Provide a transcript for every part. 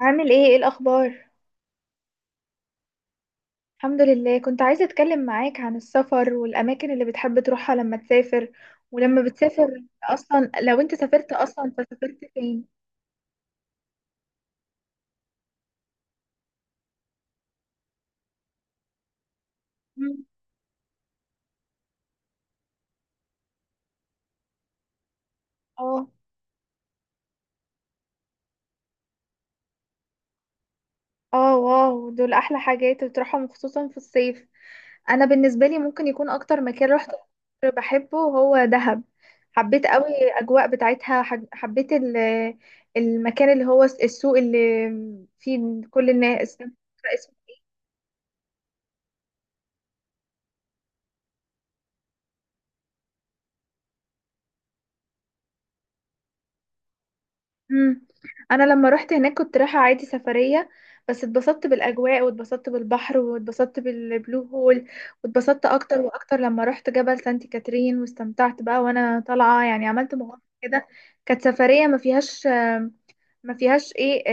عامل ايه، ايه الاخبار؟ الحمد لله، كنت عايزه اتكلم معاك عن السفر والاماكن اللي بتحب تروحها لما تسافر. ولما بتسافر اصلا، لو انت سافرت اصلا، فسافرت فين؟ مم. اه. اه، واو، دول احلى حاجات بتروحهم خصوصا في الصيف. انا بالنسبه لي ممكن يكون اكتر مكان رحت بحبه هو دهب، حبيت قوي الاجواء بتاعتها، حبيت المكان اللي هو السوق اللي فيه كل الناس. مم. انا لما رحت هناك كنت رايحه عادي سفريه، بس اتبسطت بالاجواء واتبسطت بالبحر واتبسطت بالبلو هول. واتبسطت اكتر واكتر لما رحت جبل سانت كاترين، واستمتعت بقى وانا طالعه، يعني عملت مغامره كده. كانت سفريه ما فيهاش، ما فيهاش ايه،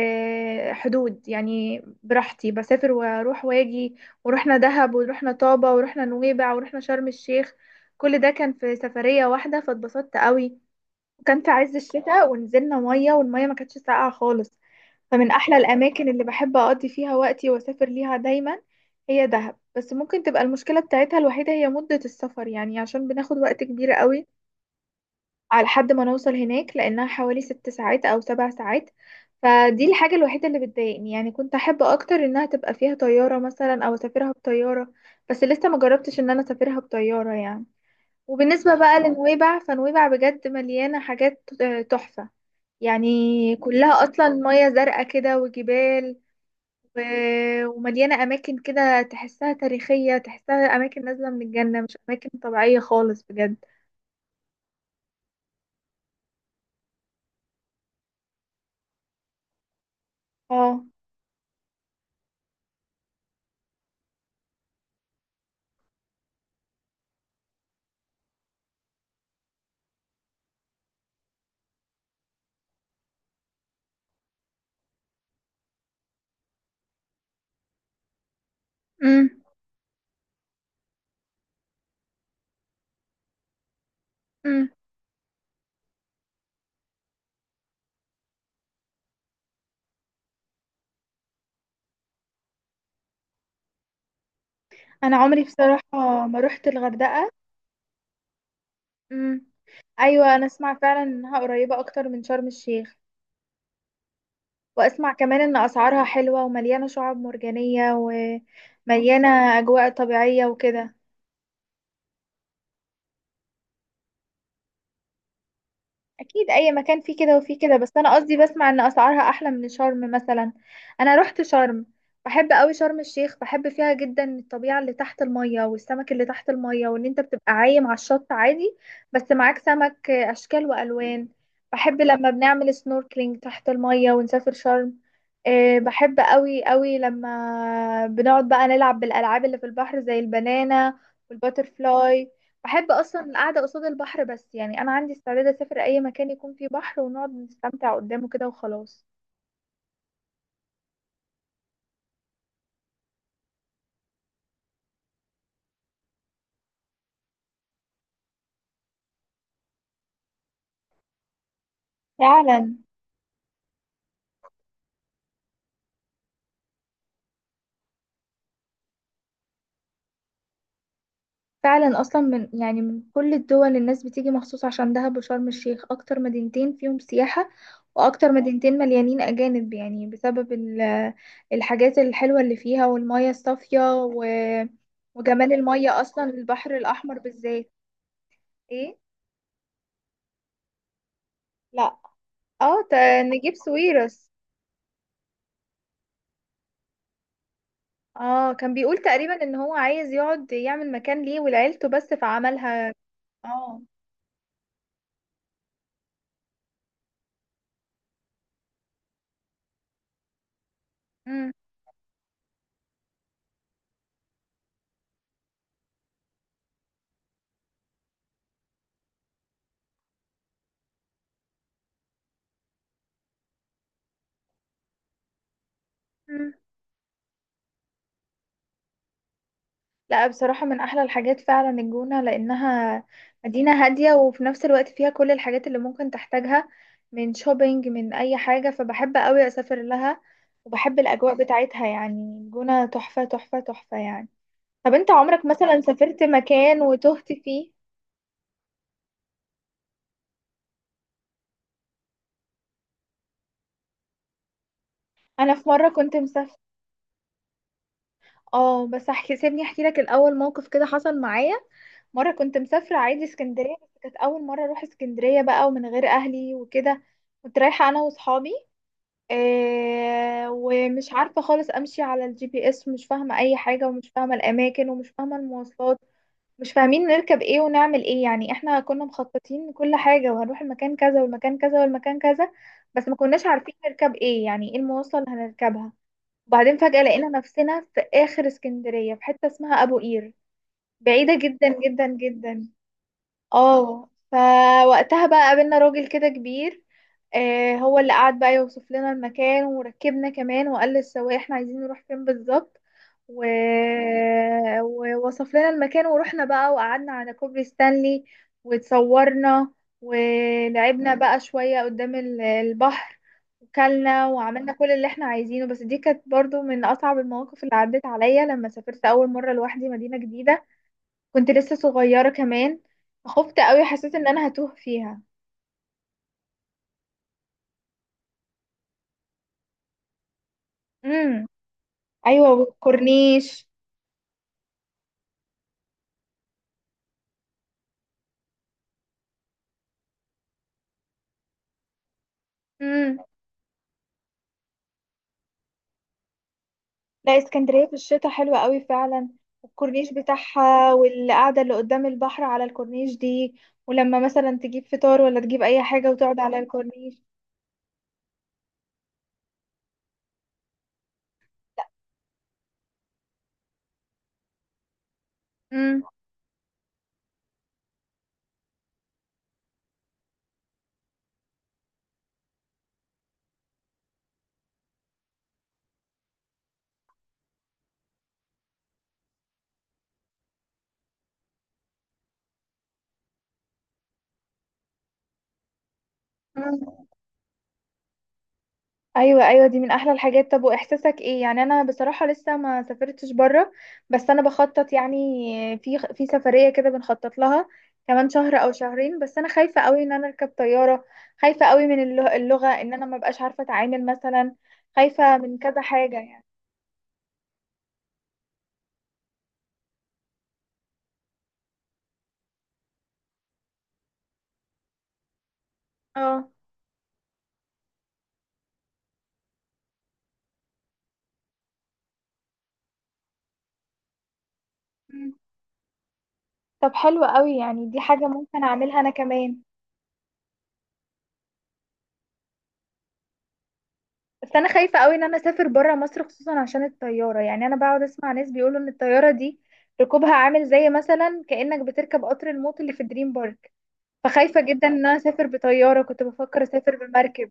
حدود، يعني براحتي بسافر واروح واجي. ورحنا دهب ورحنا طابة ورحنا نويبع ورحنا شرم الشيخ، كل ده كان في سفرية واحدة فاتبسطت قوي. وكان في عز الشتاء ونزلنا مية والمية ما كانتش ساقعة خالص. فمن أحلى الأماكن اللي بحب أقضي فيها وقتي وأسافر ليها دايما هي دهب. بس ممكن تبقى المشكلة بتاعتها الوحيدة هي مدة السفر، يعني عشان بناخد وقت كبير قوي على لحد ما نوصل هناك لأنها حوالي ست ساعات أو سبع ساعات. فدي الحاجة الوحيدة اللي بتضايقني، يعني كنت أحب أكتر إنها تبقى فيها طيارة مثلا أو أسافرها بطيارة. بس لسه ما جربتش إن أنا أسافرها بطيارة يعني. وبالنسبة بقى لنويبع، فنويبع بجد مليانة حاجات تحفة، يعني كلها أصلا مياه زرقاء كده وجبال، و- ومليانة أماكن كده تحسها تاريخية، تحسها أماكن نازلة من الجنة، مش أماكن طبيعية خالص بجد. اه. امم. امم. أنا عمري بصراحة ما روحت الغردقة. امم. أيوة، أنا أسمع فعلا إنها قريبة أكتر من شرم الشيخ، وأسمع كمان إن أسعارها حلوة ومليانة شعاب مرجانية ومليانة أجواء طبيعية وكده. اكيد اي مكان فيه كده وفيه كده، بس انا قصدي بسمع ان اسعارها احلى من شرم مثلا. انا رحت شرم، بحب قوي شرم الشيخ، بحب فيها جدا الطبيعة اللي تحت المية والسمك اللي تحت المية، وان انت بتبقى عايم على الشط عادي بس معاك سمك اشكال والوان. بحب لما بنعمل سنوركلينج تحت المية ونسافر شرم. أه، بحب قوي قوي لما بنقعد بقى نلعب بالالعاب اللي في البحر زي البنانة والباترفلاي. بحب اصلا القعده قصاد البحر، بس يعني انا عندي استعداد اسافر اي مكان يكون فيه بحر ونقعد نستمتع قدامه كده وخلاص. فعلا. فعلا اصلا من يعني من كل الدول الناس بتيجي مخصوص عشان دهب وشرم الشيخ اكتر مدينتين فيهم سياحه، واكتر مدينتين مليانين اجانب، يعني بسبب الحاجات الحلوه اللي فيها والميه الصافيه وجمال الميه اصلا، البحر الاحمر بالذات. ايه. لا. اه، نجيب سويرس. اه، كان بيقول تقريبا ان هو عايز يقعد يعمل مكان ليه ولعيلته، بس فعملها. اه. مم. مم. لا، بصراحة من احلى الحاجات فعلا الجونة، لانها مدينة هادية وفي نفس الوقت فيها كل الحاجات اللي ممكن تحتاجها، من شوبينج من اي حاجة، فبحب قوي اسافر لها. وبحب الاجواء بتاعتها، يعني الجونة تحفة تحفة تحفة يعني. طب انت عمرك مثلا سافرت مكان وتهت فيه؟ انا في مرة كنت مسافرة. اه، بس احكي، سيبني احكي لك الاول موقف كده حصل معايا. مرة كنت مسافرة عادي اسكندرية، بس كانت أول مرة أروح اسكندرية بقى ومن غير أهلي وكده. كنت رايحة أنا وصحابي، ومش عارفة خالص أمشي على الجي بي إس، ومش فاهمة أي حاجة ومش فاهمة الأماكن ومش فاهمة المواصلات. مش فاهمين نركب إيه ونعمل إيه، يعني إحنا كنا مخططين كل حاجة وهنروح المكان كذا والمكان كذا والمكان كذا، بس ما كناش عارفين نركب إيه، يعني إيه المواصلة اللي هنركبها. وبعدين فجأة لقينا نفسنا في آخر اسكندرية في حتة اسمها أبو قير، بعيدة جدا جدا جدا. اه، فوقتها بقى قابلنا راجل كده كبير، هو اللي قعد بقى يوصف لنا المكان وركبنا كمان، وقال للسواق احنا عايزين نروح فين بالظبط. و... ووصف لنا المكان، ورحنا بقى وقعدنا على كوبري ستانلي واتصورنا، ولعبنا بقى شوية قدام البحر، وكلنا وعملنا كل اللي احنا عايزينه. بس دي كانت برضو من أصعب المواقف اللي عدت عليا، لما سافرت أول مرة لوحدي مدينة جديدة، كنت لسه صغيرة كمان، خفت قوي، حسيت ان انا هتوه فيها. امم. ايوه، والكورنيش. امم. لا، اسكندرية في الشتاء حلوة قوي فعلا، الكورنيش بتاعها والقعدة اللي قدام البحر على الكورنيش دي، ولما مثلا تجيب فطار ولا تجيب اي حاجة وتقعد على الكورنيش. امم. ايوه ايوه، دي من احلى الحاجات. طب واحساسك ايه؟ يعني انا بصراحه لسه ما سافرتش بره، بس انا بخطط يعني في في سفريه كده بنخطط لها كمان شهر او شهرين. بس انا خايفه قوي ان انا اركب طياره، خايفه قوي من اللغه ان انا ما بقاش عارفه اتعامل مثلا، خايفه من كذا حاجه يعني. اه. مم. طب حلو قوي، يعني دي حاجه ممكن اعملها انا كمان. بس انا خايفه قوي ان انا اسافر بره مصر خصوصا عشان الطياره، يعني انا بقعد اسمع ناس بيقولوا ان الطياره دي ركوبها عامل زي مثلا كانك بتركب قطر الموت اللي في دريم بارك. فخايفه جدا ان انا اسافر بطياره، كنت بفكر اسافر بمركب.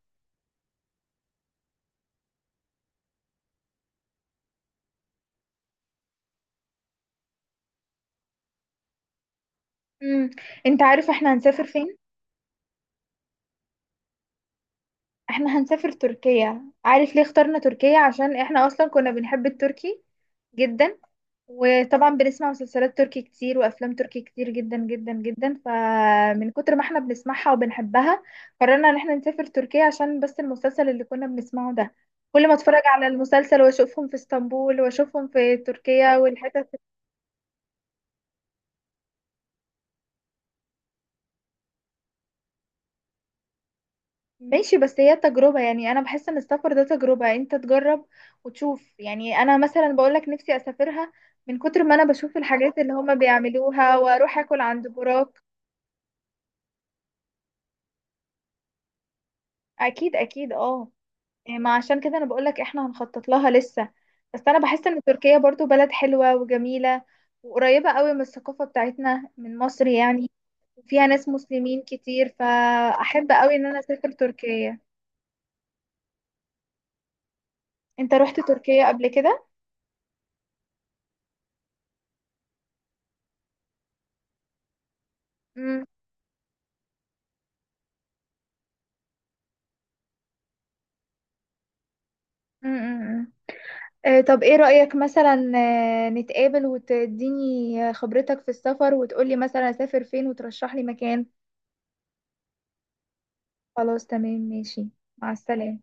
امم. انت عارف احنا هنسافر فين؟ احنا هنسافر تركيا. عارف ليه اخترنا تركيا؟ عشان احنا اصلا كنا بنحب التركي جدا، وطبعا بنسمع مسلسلات تركي كتير وافلام تركي كتير جدا جدا جدا، فمن كتر ما احنا بنسمعها وبنحبها قررنا ان احنا نسافر تركيا، عشان بس المسلسل اللي كنا بنسمعه ده كل ما اتفرج على المسلسل واشوفهم في اسطنبول واشوفهم في تركيا والحتت. ماشي، بس هي تجربة، يعني انا بحس ان السفر ده تجربة، انت تجرب وتشوف. يعني انا مثلا بقولك نفسي اسافرها من كتر ما انا بشوف الحاجات اللي هما بيعملوها، واروح اكل عند براك. اكيد اكيد، اه. ما عشان كده انا بقولك احنا هنخطط لها لسه. بس انا بحس ان تركيا برضو بلد حلوة وجميلة، وقريبة قوي من الثقافة بتاعتنا من مصر يعني. وفيها ناس مسلمين كتير، فاحب قوي ان انا اسافر تركيا. انت رحت تركيا قبل كده؟ مم، مم، مم. طب ايه رأيك مثلا نتقابل وتديني خبرتك في السفر وتقولي مثلا اسافر فين وترشح لي مكان. خلاص، تمام، ماشي. مع السلامة.